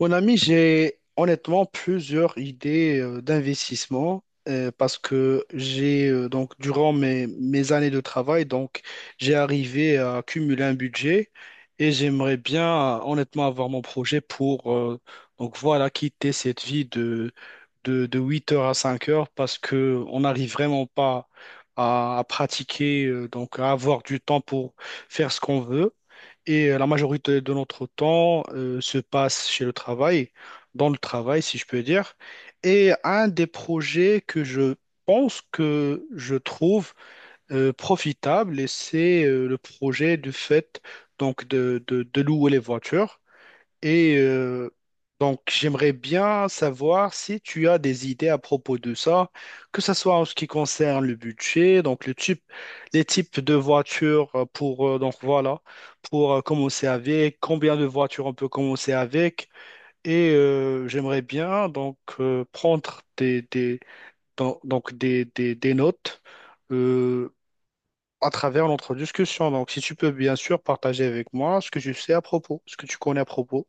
Mon ami, j'ai honnêtement plusieurs idées d'investissement parce que j'ai donc durant mes années de travail, donc j'ai arrivé à accumuler un budget et j'aimerais bien honnêtement avoir mon projet pour donc voilà quitter cette vie de 8h à 5 heures parce que on n'arrive vraiment pas à pratiquer, donc à avoir du temps pour faire ce qu'on veut. Et la majorité de notre temps se passe chez le travail, dans le travail, si je peux dire. Et un des projets que je pense que je trouve profitable, et c'est le projet du fait donc de louer les voitures. Et donc, j'aimerais bien savoir si tu as des idées à propos de ça, que ce soit en ce qui concerne le budget, donc le type, les types de voitures pour, donc voilà, pour commencer avec, combien de voitures on peut commencer avec. Et j'aimerais bien donc prendre des, donc des notes euh, à travers notre discussion. Donc, si tu peux bien sûr partager avec moi ce que tu sais à propos, ce que tu connais à propos.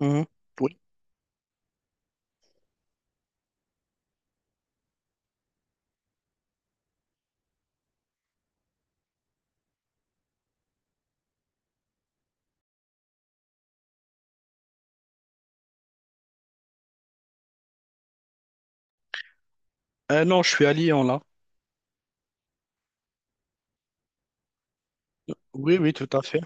Mhm. Oui. Non, je suis à Lyon là. Oui, oui, tout à fait.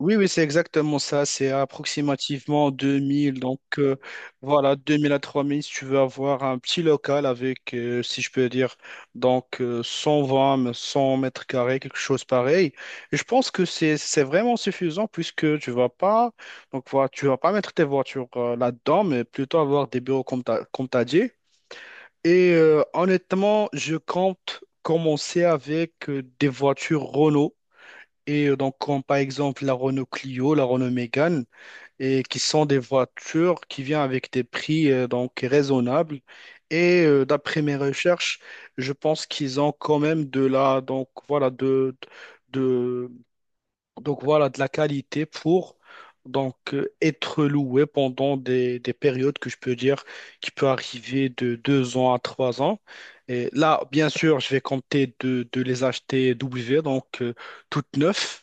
Oui, oui, c'est exactement ça. C'est approximativement 2 000. Donc, voilà, 2 000 à 3 000 si tu veux avoir un petit local avec, si je peux dire, donc 120, mais 100 mètres carrés, quelque chose pareil. Et je pense que c'est vraiment suffisant puisque tu vas pas, donc voilà, tu vas pas mettre tes voitures là-dedans, mais plutôt avoir des bureaux comme t'as dit. Et honnêtement, je compte commencer avec des voitures Renault. Et donc, comme par exemple la Renault Clio, la Renault Mégane, et qui sont des voitures qui viennent avec des prix donc raisonnables. Et d'après mes recherches, je pense qu'ils ont quand même de la donc voilà de donc voilà de la qualité pour donc être loués pendant des périodes que je peux dire qui peut arriver de 2 ans à 3 ans. Et là, bien sûr, je vais compter de les acheter W, donc toutes neuves.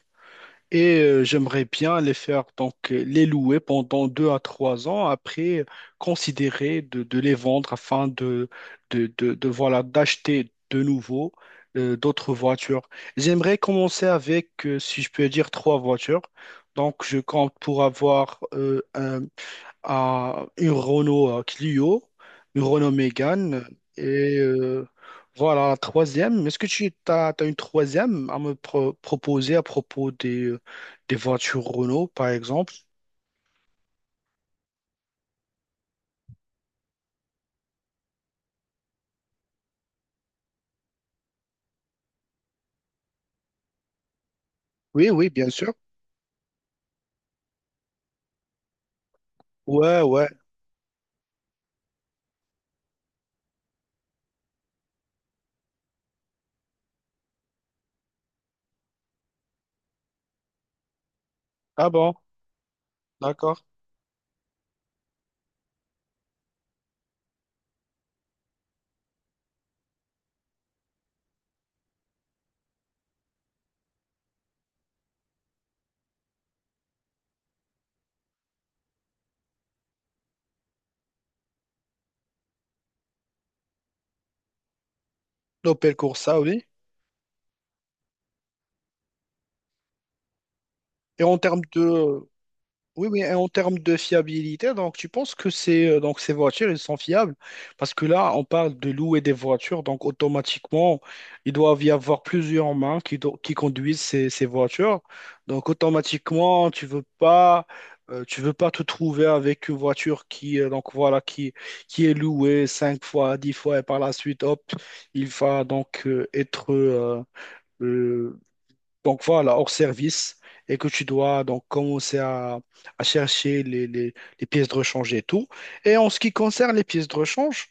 Et j'aimerais bien les faire, donc les louer pendant 2 à 3 ans, après considérer de les vendre afin de, voilà, d'acheter de nouveau d'autres voitures. J'aimerais commencer avec, si je peux dire, trois voitures. Donc je compte pour avoir un, à une Renault Clio, une Renault Mégane et voilà la troisième. Est-ce que tu as, une troisième à me proposer à propos des voitures Renault par exemple? Oui, oui, bien sûr. Ouais, ouais. Ah bon, d'accord. L'Opel Corsa, oui. Et en termes de. Oui, oui, et en termes de fiabilité, donc tu penses que ces voitures, elles sont fiables? Parce que là, on parle de louer des voitures, donc automatiquement, il doit y avoir plusieurs mains qui conduisent ces voitures. Donc automatiquement, tu veux pas te trouver avec une voiture qui, donc voilà, qui est louée 5 fois, 10 fois, et par la suite, hop, il va donc être, euh, donc voilà, hors service, et que tu dois donc commencer à chercher les pièces de rechange et tout. Et en ce qui concerne les pièces de rechange,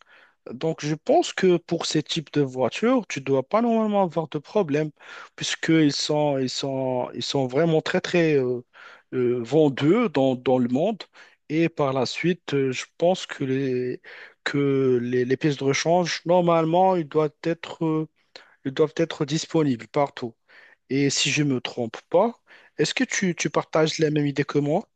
donc je pense que pour ces types de voitures, tu ne dois pas normalement avoir de problème, puisqu'ils sont vraiment très, très vendus dans le monde. Et par la suite, je pense que les pièces de rechange, normalement, ils doivent être disponibles partout. Et si je me trompe pas, est-ce que tu partages la même idée que moi?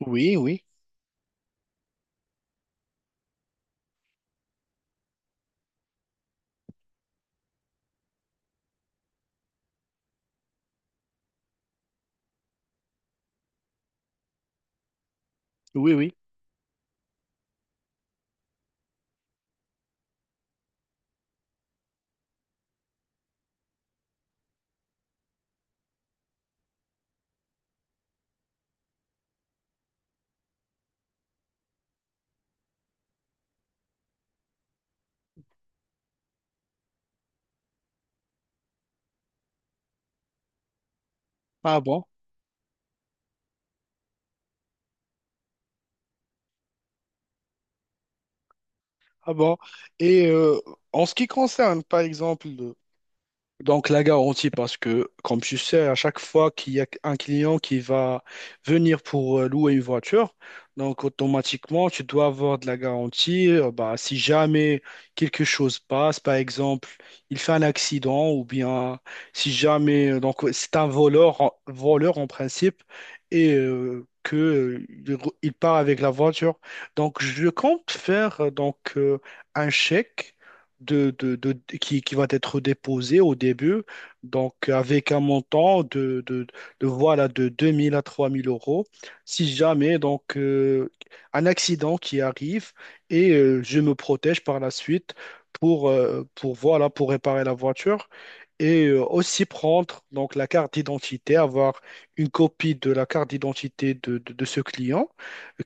Oui, oui, oui, oui. Ah bon, ah bon. Et en ce qui concerne, par exemple, donc, la garantie, parce que, comme tu sais, à chaque fois qu'il y a un client qui va venir pour louer une voiture, donc automatiquement, tu dois avoir de la garantie. Bah, si jamais quelque chose passe, par exemple, il fait un accident, ou bien si jamais, donc c'est un voleur, voleur en principe, et que il part avec la voiture. Donc, je compte faire donc un chèque qui va être déposé au début, donc avec un montant de, voilà, de 2 000 à 3 000 euros. Si jamais donc, un accident qui arrive et je me protège par la suite pour, voilà, pour réparer la voiture et aussi prendre donc, la carte d'identité, avoir une copie de la carte d'identité de ce client.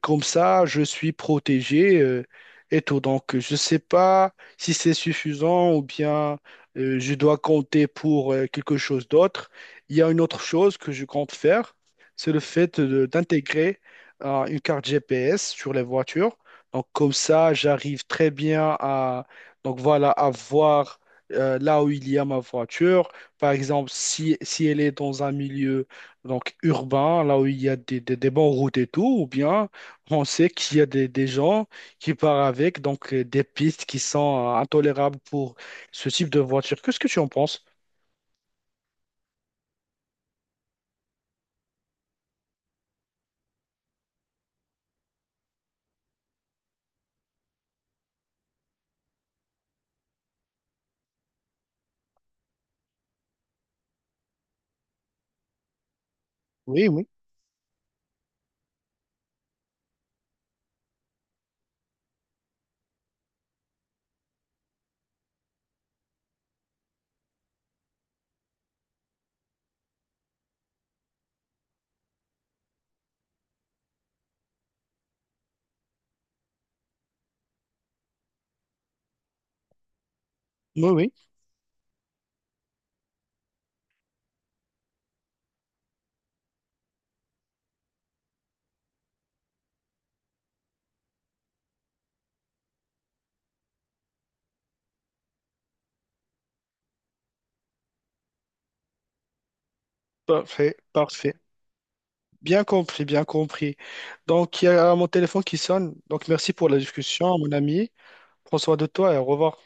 Comme ça, je suis protégé. Et tout. Donc, je ne sais pas si c'est suffisant ou bien je dois compter pour quelque chose d'autre. Il y a une autre chose que je compte faire, c'est le fait d'intégrer une carte GPS sur les voitures. Donc comme ça, j'arrive très bien à voir là où il y a ma voiture. Par exemple, si elle est dans un milieu donc, urbain, là où il y a des bonnes routes et tout, ou bien on sait qu'il y a des gens qui part avec, donc des pistes qui sont intolérables pour ce type de voiture. Qu'est-ce que tu en penses? Oui, oui, oui, oui. Parfait, parfait. Bien compris, bien compris. Donc, il y a mon téléphone qui sonne. Donc, merci pour la discussion, mon ami. Prends soin de toi et au revoir.